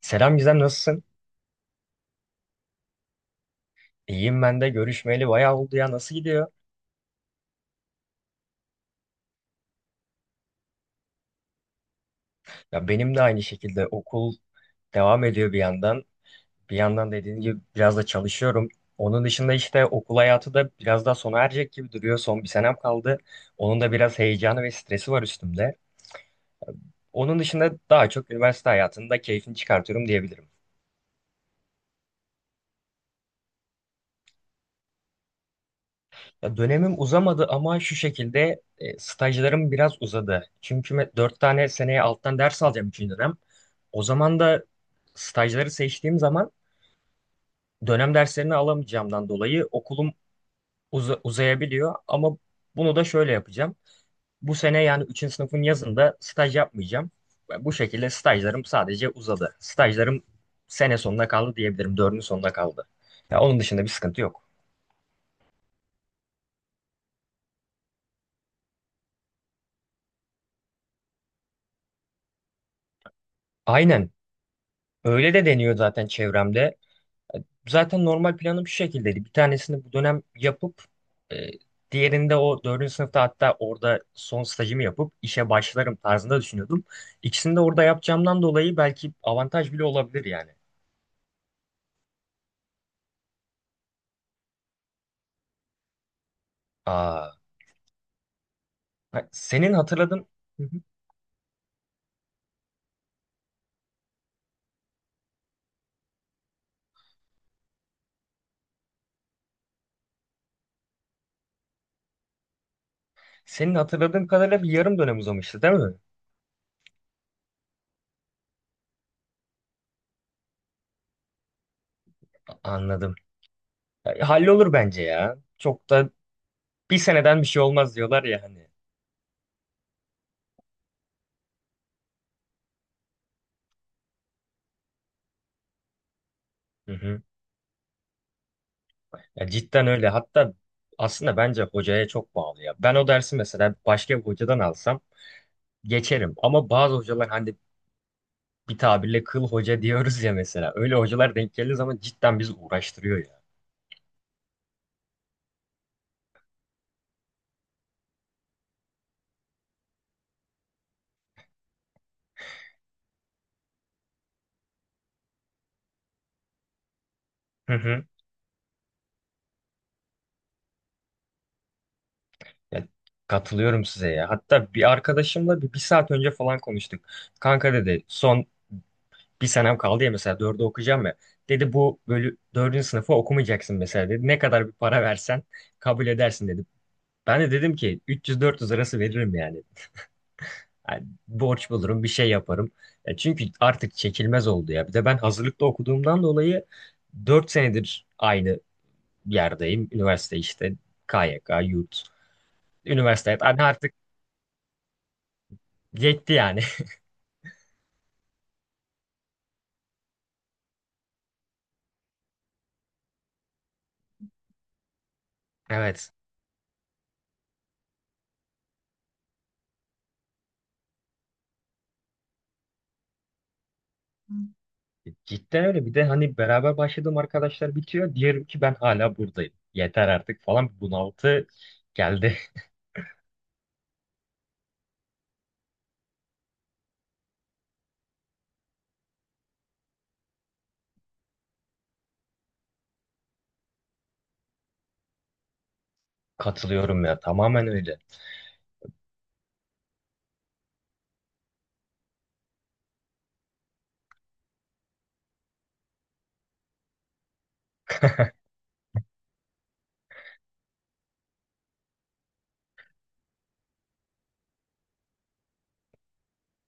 Selam Gizem, nasılsın? İyiyim, ben de görüşmeyeli bayağı oldu ya, nasıl gidiyor? Ya benim de aynı şekilde okul devam ediyor bir yandan. Bir yandan dediğin gibi biraz da çalışıyorum. Onun dışında işte okul hayatı da biraz daha sona erecek gibi duruyor. Son bir senem kaldı. Onun da biraz heyecanı ve stresi var üstümde. Onun dışında daha çok üniversite hayatında keyfini çıkartıyorum diyebilirim. Ya dönemim uzamadı ama şu şekilde stajlarım biraz uzadı. Çünkü dört tane seneye alttan ders alacağım üçüncü dönem. O zaman da stajları seçtiğim zaman dönem derslerini alamayacağımdan dolayı okulum uzayabiliyor. Ama bunu da şöyle yapacağım. Bu sene yani üçüncü sınıfın yazında staj yapmayacağım. Ve bu şekilde stajlarım sadece uzadı. Stajlarım sene sonuna kaldı diyebilirim. Dördüncü sonuna kaldı. Ya onun dışında bir sıkıntı yok. Aynen. Öyle de deniyor zaten çevremde. Zaten normal planım şu şekildeydi. Bir tanesini bu dönem yapıp e, diğerinde o dördüncü sınıfta, hatta orada son stajımı yapıp işe başlarım tarzında düşünüyordum. İkisini de orada yapacağımdan dolayı belki avantaj bile olabilir yani. Aa, senin hatırladığın. Hı hı. Senin hatırladığım kadarıyla bir yarım dönem uzamıştı değil mi? Anladım. Hallolur bence ya. Çok da bir seneden bir şey olmaz diyorlar ya hani. Hı hı. Ya cidden öyle. Hatta aslında bence hocaya çok bağlı ya. Ben o dersi mesela başka bir hocadan alsam geçerim. Ama bazı hocalar hani bir tabirle kıl hoca diyoruz ya mesela. Öyle hocalar denk geldiği zaman cidden bizi uğraştırıyor ya. Hı hı. Ya, katılıyorum size ya. Hatta bir arkadaşımla bir saat önce falan konuştuk. Kanka dedi, son bir senem kaldı ya mesela, dördü okuyacağım ya. Dedi bu bölü dördüncü sınıfı okumayacaksın mesela dedi. Ne kadar bir para versen kabul edersin dedi. Ben de dedim ki 300-400 arası veririm yani. Yani borç bulurum, bir şey yaparım. Ya çünkü artık çekilmez oldu ya. Bir de ben hazırlıkta okuduğumdan dolayı 4 senedir aynı yerdeyim. Üniversite, işte KYK, yurt, üniversite. Hani artık yetti yani. Evet. Cidden öyle. Bir de hani beraber başladığım arkadaşlar bitiyor. Diyelim ki ben hala buradayım. Yeter artık falan. Bir bunaltı geldi. Katılıyorum ya. Tamamen öyle.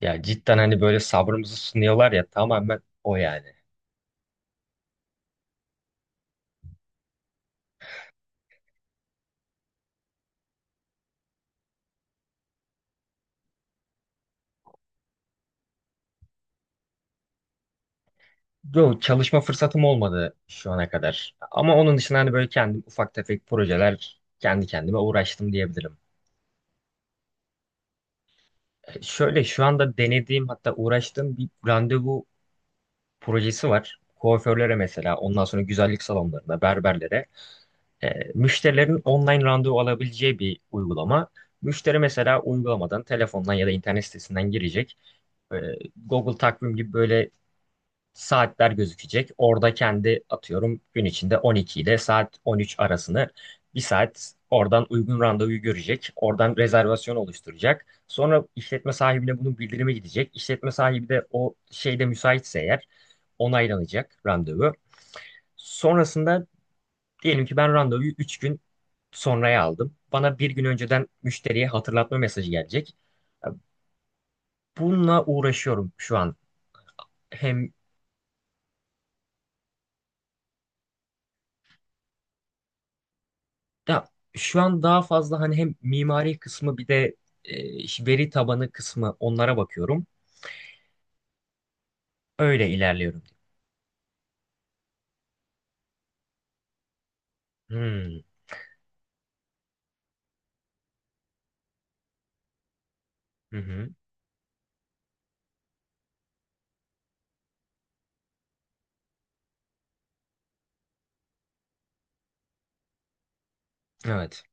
Ya cidden hani böyle sabrımızı sınıyorlar ya. Tamamen o yani. Yok, çalışma fırsatım olmadı şu ana kadar. Ama onun dışında hani böyle kendim ufak tefek projeler, kendi kendime uğraştım diyebilirim. Şöyle, şu anda denediğim, hatta uğraştığım bir randevu projesi var. Kuaförlere mesela, ondan sonra güzellik salonlarına, berberlere, e, müşterilerin online randevu alabileceği bir uygulama. Müşteri mesela uygulamadan, telefondan ya da internet sitesinden girecek. E, Google takvim gibi böyle saatler gözükecek. Orada kendi atıyorum, gün içinde 12 ile saat 13 arasını bir saat, oradan uygun randevuyu görecek. Oradan rezervasyon oluşturacak. Sonra işletme sahibine bunun bildirimi gidecek. İşletme sahibi de o şeyde müsaitse eğer onaylanacak randevu. Sonrasında diyelim ki ben randevuyu 3 gün sonraya aldım. Bana bir gün önceden, müşteriye hatırlatma mesajı gelecek. Bununla uğraşıyorum şu an. Hem. Ya şu an daha fazla hani hem mimari kısmı, bir de veri tabanı kısmı, onlara bakıyorum. Öyle ilerliyorum. Hmm. Hı hı. Evet.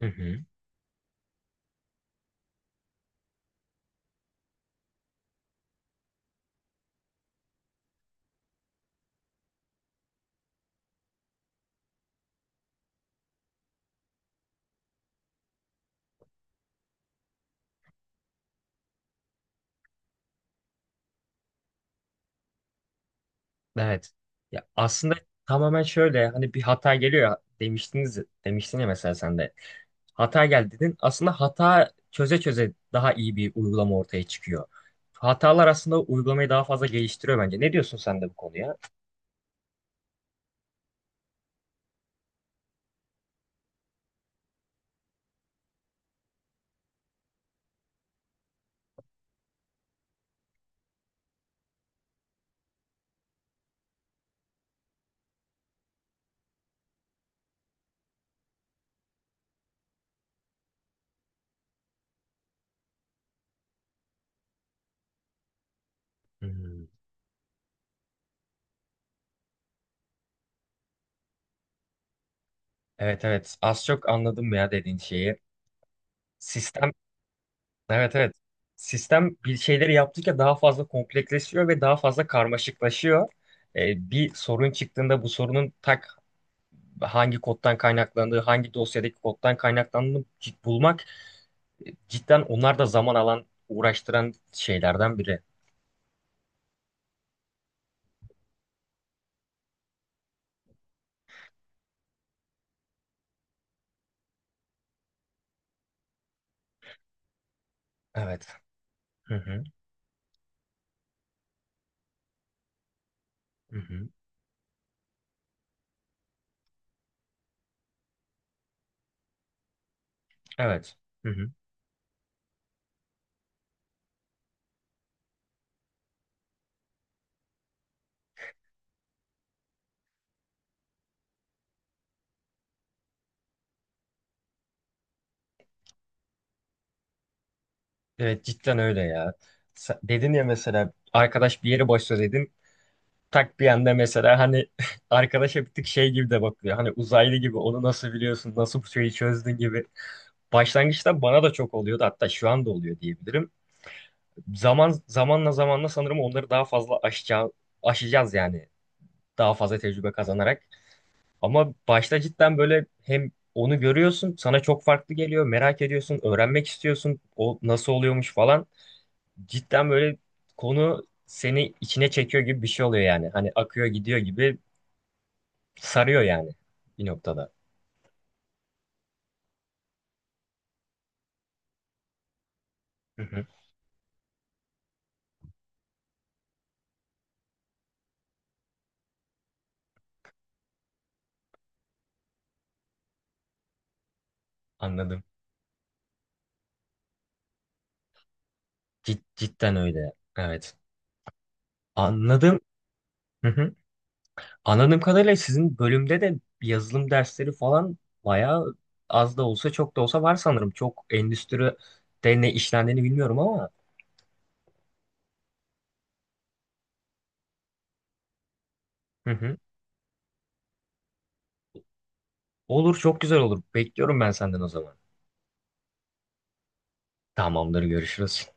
Hı hı. Evet. Ya aslında tamamen şöyle, hani bir hata geliyor ya demiştiniz, demiştin ya mesela sen de. Hata geldi dedin. Aslında hata çöze çöze daha iyi bir uygulama ortaya çıkıyor. Hatalar aslında uygulamayı daha fazla geliştiriyor bence. Ne diyorsun sen de bu konuya? Hmm. Evet evet, az çok anladım ya dediğin şeyi. Sistem. Evet evet. Sistem bir şeyleri yaptıkça daha fazla kompleksleşiyor ve daha fazla karmaşıklaşıyor. Bir sorun çıktığında bu sorunun tak hangi koddan kaynaklandığı, hangi dosyadaki koddan kaynaklandığını bulmak, cidden onlar da zaman alan, uğraştıran şeylerden biri. Evet. Hı hı. Hı hı. Evet. Hı hı. Evet, cidden öyle ya. Dedin ya mesela, arkadaş bir yere başla dedin. Tak bir anda mesela hani arkadaş bir tık şey gibi de bakıyor. Hani uzaylı gibi, onu nasıl biliyorsun, nasıl bu şeyi çözdün gibi. Başlangıçta bana da çok oluyordu, hatta şu anda oluyor diyebilirim. Zaman zamanla zamanla sanırım onları daha fazla aşacağız, aşacağız yani, daha fazla tecrübe kazanarak. Ama başta cidden böyle hem onu görüyorsun, sana çok farklı geliyor, merak ediyorsun, öğrenmek istiyorsun, o nasıl oluyormuş falan. Cidden böyle konu seni içine çekiyor gibi bir şey oluyor yani. Hani akıyor gidiyor gibi. Sarıyor yani bir noktada. Hı hı. Anladım. Cidden öyle. Evet. Anladım. Hı hı. Anladığım kadarıyla sizin bölümde de yazılım dersleri falan bayağı, az da olsa çok da olsa var sanırım. Çok endüstride ne işlendiğini bilmiyorum ama. Hı hı. Olur, çok güzel olur. Bekliyorum ben senden o zaman. Tamamdır, görüşürüz.